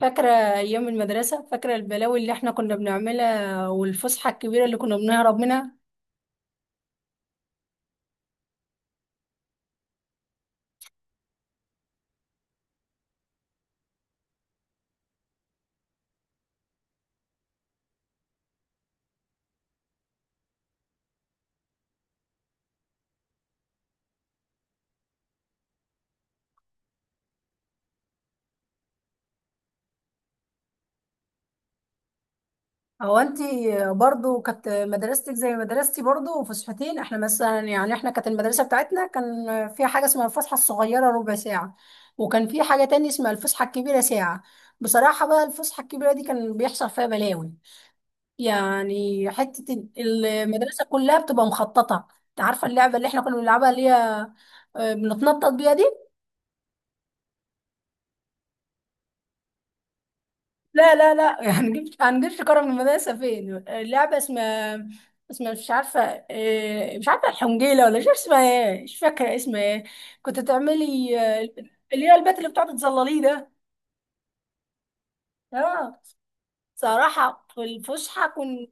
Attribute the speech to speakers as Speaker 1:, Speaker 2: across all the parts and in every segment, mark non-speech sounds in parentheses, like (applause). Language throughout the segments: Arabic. Speaker 1: فاكرة أيام المدرسة، فاكرة البلاوي اللي احنا كنا بنعملها والفسحة الكبيرة اللي كنا بنهرب منها. هو انتي برضو كانت مدرستك زي مدرستي برضو وفسحتين؟ احنا مثلا، يعني احنا كانت المدرسة بتاعتنا كان فيها حاجة اسمها الفسحة الصغيرة ربع ساعة، وكان في حاجة تاني اسمها الفسحة الكبيرة ساعة. بصراحة بقى الفسحة الكبيرة دي كان بيحصل فيها بلاوي، يعني حتة المدرسة كلها بتبقى مخططة. انت عارفة اللعبة اللي احنا كنا بنلعبها اللي هي بنتنطط بيها دي؟ لا، لا، لا، (laughs) هنجيبش كرة من المدرسة. فين اللعبة اسمها، اسمها مش عارفة؟ إيه، مش عارفة الحنجيلة، ولا مش عارفة اسمها ايه، مش فاكرة اسمها ايه. كنت تعملي اللي هي البيت اللي بتقعدي تظلليه ده. اه. صراحة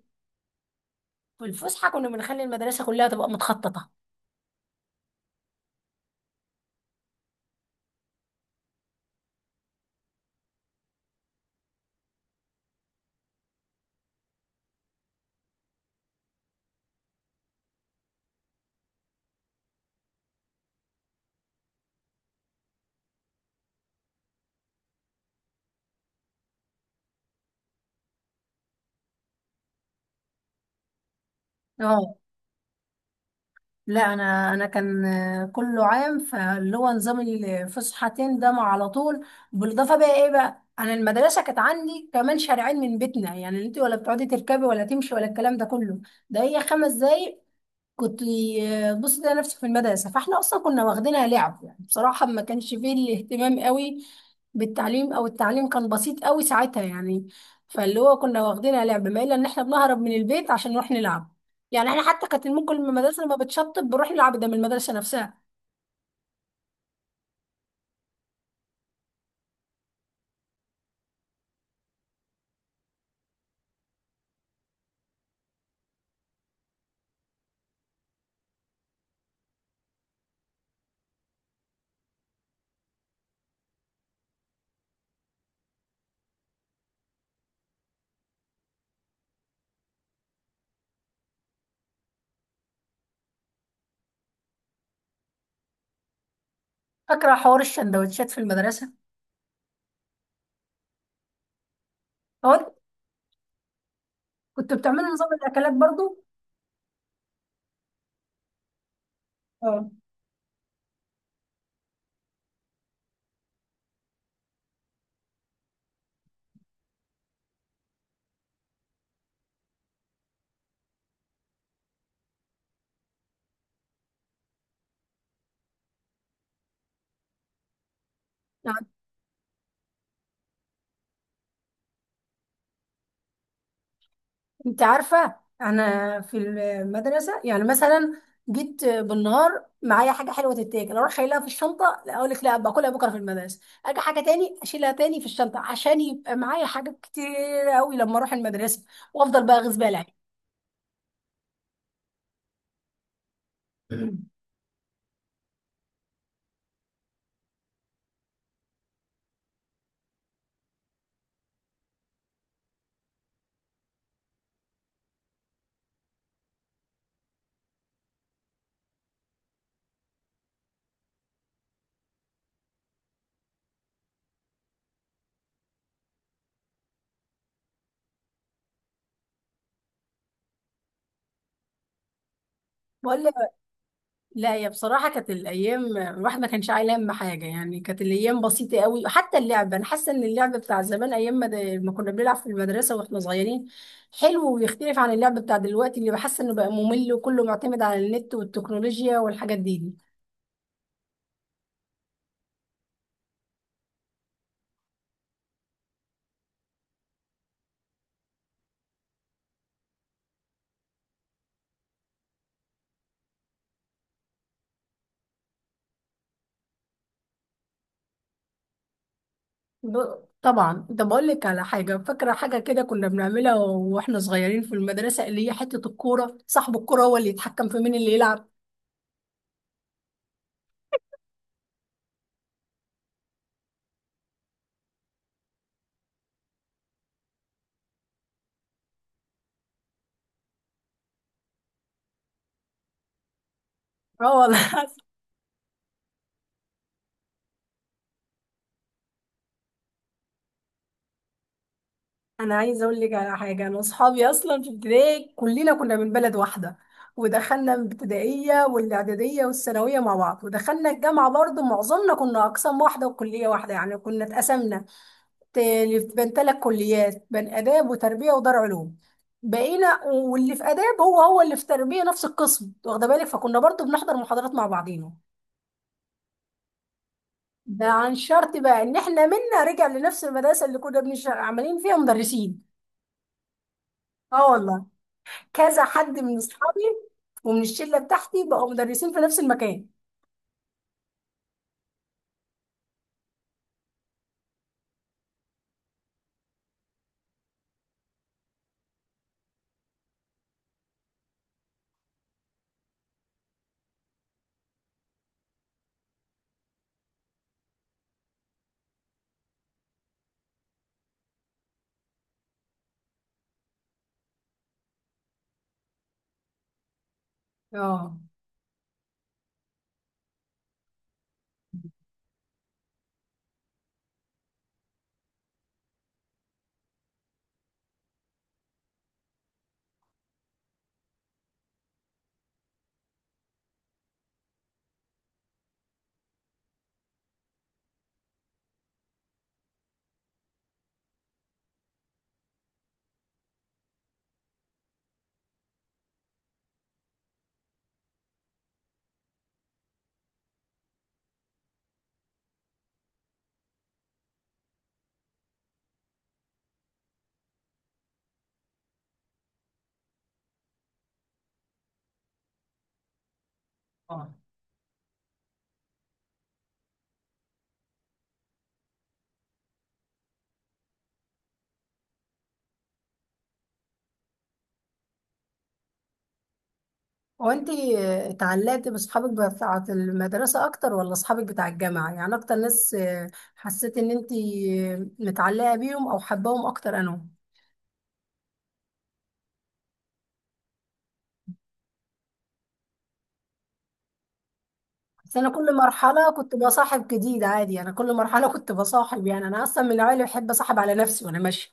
Speaker 1: في الفسحة كنا بنخلي المدرسة كلها تبقى متخططة. اه. لا، انا كان كله عام، فاللي هو نظام الفسحتين ده مع على طول. بالاضافه بقى، ايه بقى، انا المدرسه كانت عندي كمان شارعين من بيتنا، يعني انت ولا بتقعدي تركبي ولا تمشي ولا الكلام ده كله. ده هي 5 دقايق. كنت، بص، ده نفسي في المدرسة، فاحنا أصلا كنا واخدينها لعب يعني. بصراحة ما كانش فيه الاهتمام قوي بالتعليم، أو التعليم كان بسيط قوي ساعتها يعني. فاللي هو كنا واخدينها لعب، ما إلا إن احنا بنهرب من البيت عشان نروح نلعب، يعني احنا حتى كانت ممكن من المدرسة لما بتشطب بنروح نلعب، ده من المدرسة نفسها. فاكرة حوار الشندوتشات في المدرسة؟ هو كنتوا بتعملوا نظام الأكلات برضو؟ اه. انت عارفة انا في المدرسة يعني مثلا جيت بالنهار معايا حاجة حلوة تتاكل، اروح شايلها في الشنطة، لا اقول لك لا باكلها بكرة في المدرسة، اجي حاجة تاني اشيلها تاني في الشنطة، عشان يبقى معايا حاجات كتير قوي لما اروح المدرسة، وافضل بقى اغيظ بالي. (clears throat) بقول، لا هي بصراحة كانت الأيام، الواحد ما كانش عايل هم حاجة، يعني كانت الأيام بسيطة قوي. حتى اللعبة، أنا حاسة إن اللعبة بتاع زمان أيام ما كنا بنلعب في المدرسة وإحنا صغيرين حلو، ويختلف عن اللعبة بتاع دلوقتي اللي بحس إنه بقى ممل وكله معتمد على النت والتكنولوجيا والحاجات دي. ب... طبعا، ده بقول لك على حاجة. فاكرة حاجة كده كنا بنعملها وإحنا صغيرين في المدرسة، اللي هي حتة الكورة، صاحب الكورة هو اللي يتحكم في مين اللي يلعب. اه. انا عايزه اقول لك على حاجه. انا واصحابي اصلا في ابتدائي كلنا كنا من بلد واحده، ودخلنا الابتدائيه والاعداديه والثانويه مع بعض، ودخلنا الجامعه برضو، معظمنا كنا اقسام واحده وكليه واحده، يعني كنا اتقسمنا ت- بين ثلاث كليات، بين اداب وتربيه ودار علوم. بقينا، واللي في اداب هو هو اللي في تربيه، نفس القسم، واخده بالك، فكنا برضو بنحضر محاضرات مع بعضينا. ده عن شرط بقى ان احنا منا رجع لنفس المدرسه اللي كنا عاملين فيها مدرسين. اه والله، كذا حد من اصحابي ومن الشله بتاعتي بقوا مدرسين في نفس المكان. اه. اه. هو انت اتعلقت باصحابك بتاعه المدرسه اكتر ولا اصحابك بتاع الجامعه؟ يعني اكتر ناس حسيت ان انت متعلقه بيهم او حباهم اكتر. انا، بس انا كل مرحله كنت بصاحب جديد عادي، انا كل مرحله كنت بصاحب، يعني انا اصلا من النوعيه اللي بحب اصاحب على نفسي وانا ماشيه.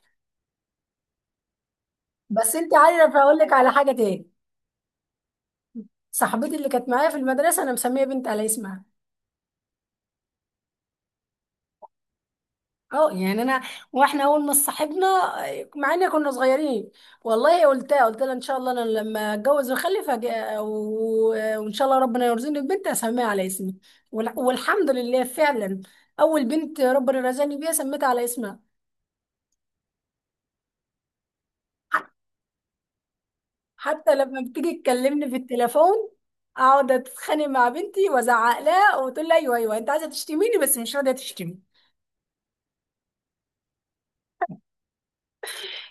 Speaker 1: بس انت عارفه، اقول لك على حاجه تاني. صاحبتي اللي كانت معايا في المدرسه انا مسميه بنت على اسمها. اه يعني انا، واحنا اول ما صاحبنا، مع ان كنا صغيرين، والله قلت لها ان شاء الله انا لما اتجوز واخلف، هج- و- وان شاء الله ربنا يرزقني ببنت اسميها على اسمي. والحمد لله، فعلا اول بنت ربنا رزقني بيها سميتها على اسمها. ح- حتى لما بتيجي تكلمني في التليفون، اقعد اتخانق مع بنتي وازعق لها، وتقول لي: ايوه، ايوه، انت عايزه تشتميني بس مش راضيه تشتمي.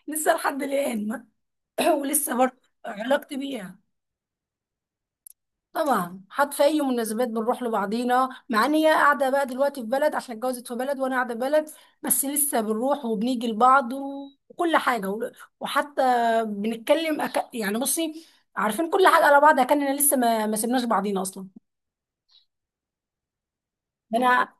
Speaker 1: لسه لحد الان. (clears throat) ولسه برضه علاقتي بيها، طبعا حتى في اي مناسبات بنروح لبعضينا، مع ان هي قاعده بقى دلوقتي في بلد عشان اتجوزت في بلد وانا قاعده في بلد، بس لسه بنروح وبنيجي لبعض وكل حاجه وحتى بنتكلم يعني بصي، عارفين كل حاجه على بعض، كاننا لسه ما سيبناش بعضينا اصلا. انا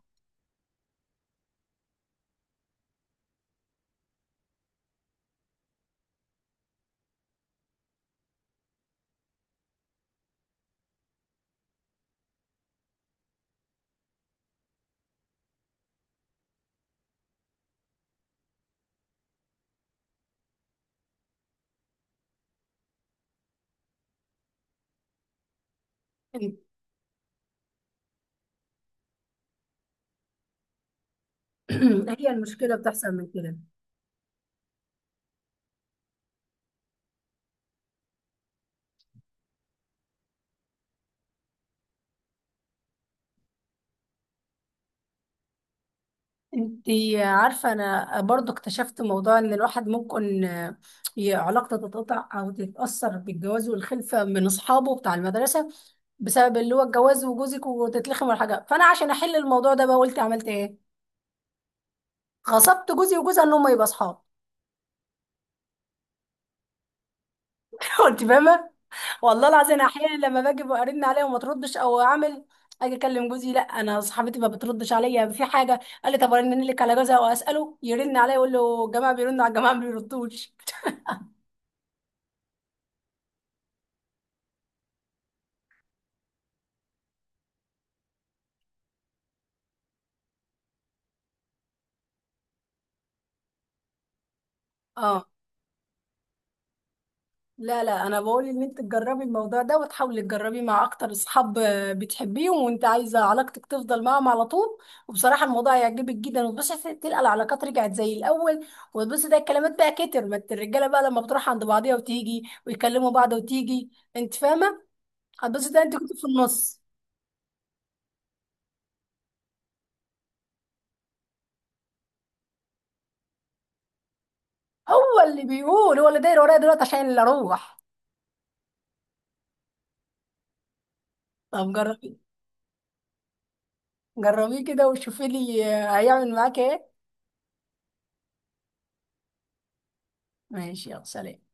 Speaker 1: (clears throat) هي المشكله بتحصل من كده. انتي عارفة انا برضو اكتشفت موضوع ان الواحد ممكن علاقته تتقطع او تتأثر بالجواز والخلفة من اصحابه بتاع المدرسة، بسبب اللي هو الجواز وجوزك وتتلخم والحاجة. فانا عشان احل الموضوع ده بقى، قلت عملت ايه؟ غصبت جوزي وجوزها ان هم يبقى اصحاب. (laughs) كنت فاهمة، والله العظيم احيانا لما باجي برن عليها وما تردش، او اعمل اجي اكلم جوزي، لا انا صاحبتي ما بتردش عليا في حاجه، قال لي: طب ارن لك على جوزها واساله يرن عليا، يقول له الجماعه بيرنوا على الجماعه ما بيردوش. اه. لا، لا، انا بقول ان انت تجربي الموضوع ده، وتحاولي تجربيه مع اكتر اصحاب بتحبيهم وانت عايزه علاقتك تفضل معاهم على طول. وبصراحه الموضوع هيعجبك جدا، وتبصي تلقى العلاقات رجعت زي الاول. وتبصي، ده الكلمات بقى، كتر ما الرجاله بقى لما بتروح عند بعضيها وتيجي ويكلموا بعض وتيجي، انت فاهمه؟ هتبصي ده انت كنت في النص. هو اللي بيقول، هو اللي داير ورايا دلوقتي عشان اللي اروح. طب جربي، جربيه كده وشوفي لي هيعمل معاك ايه. ماشي، يلا سلام.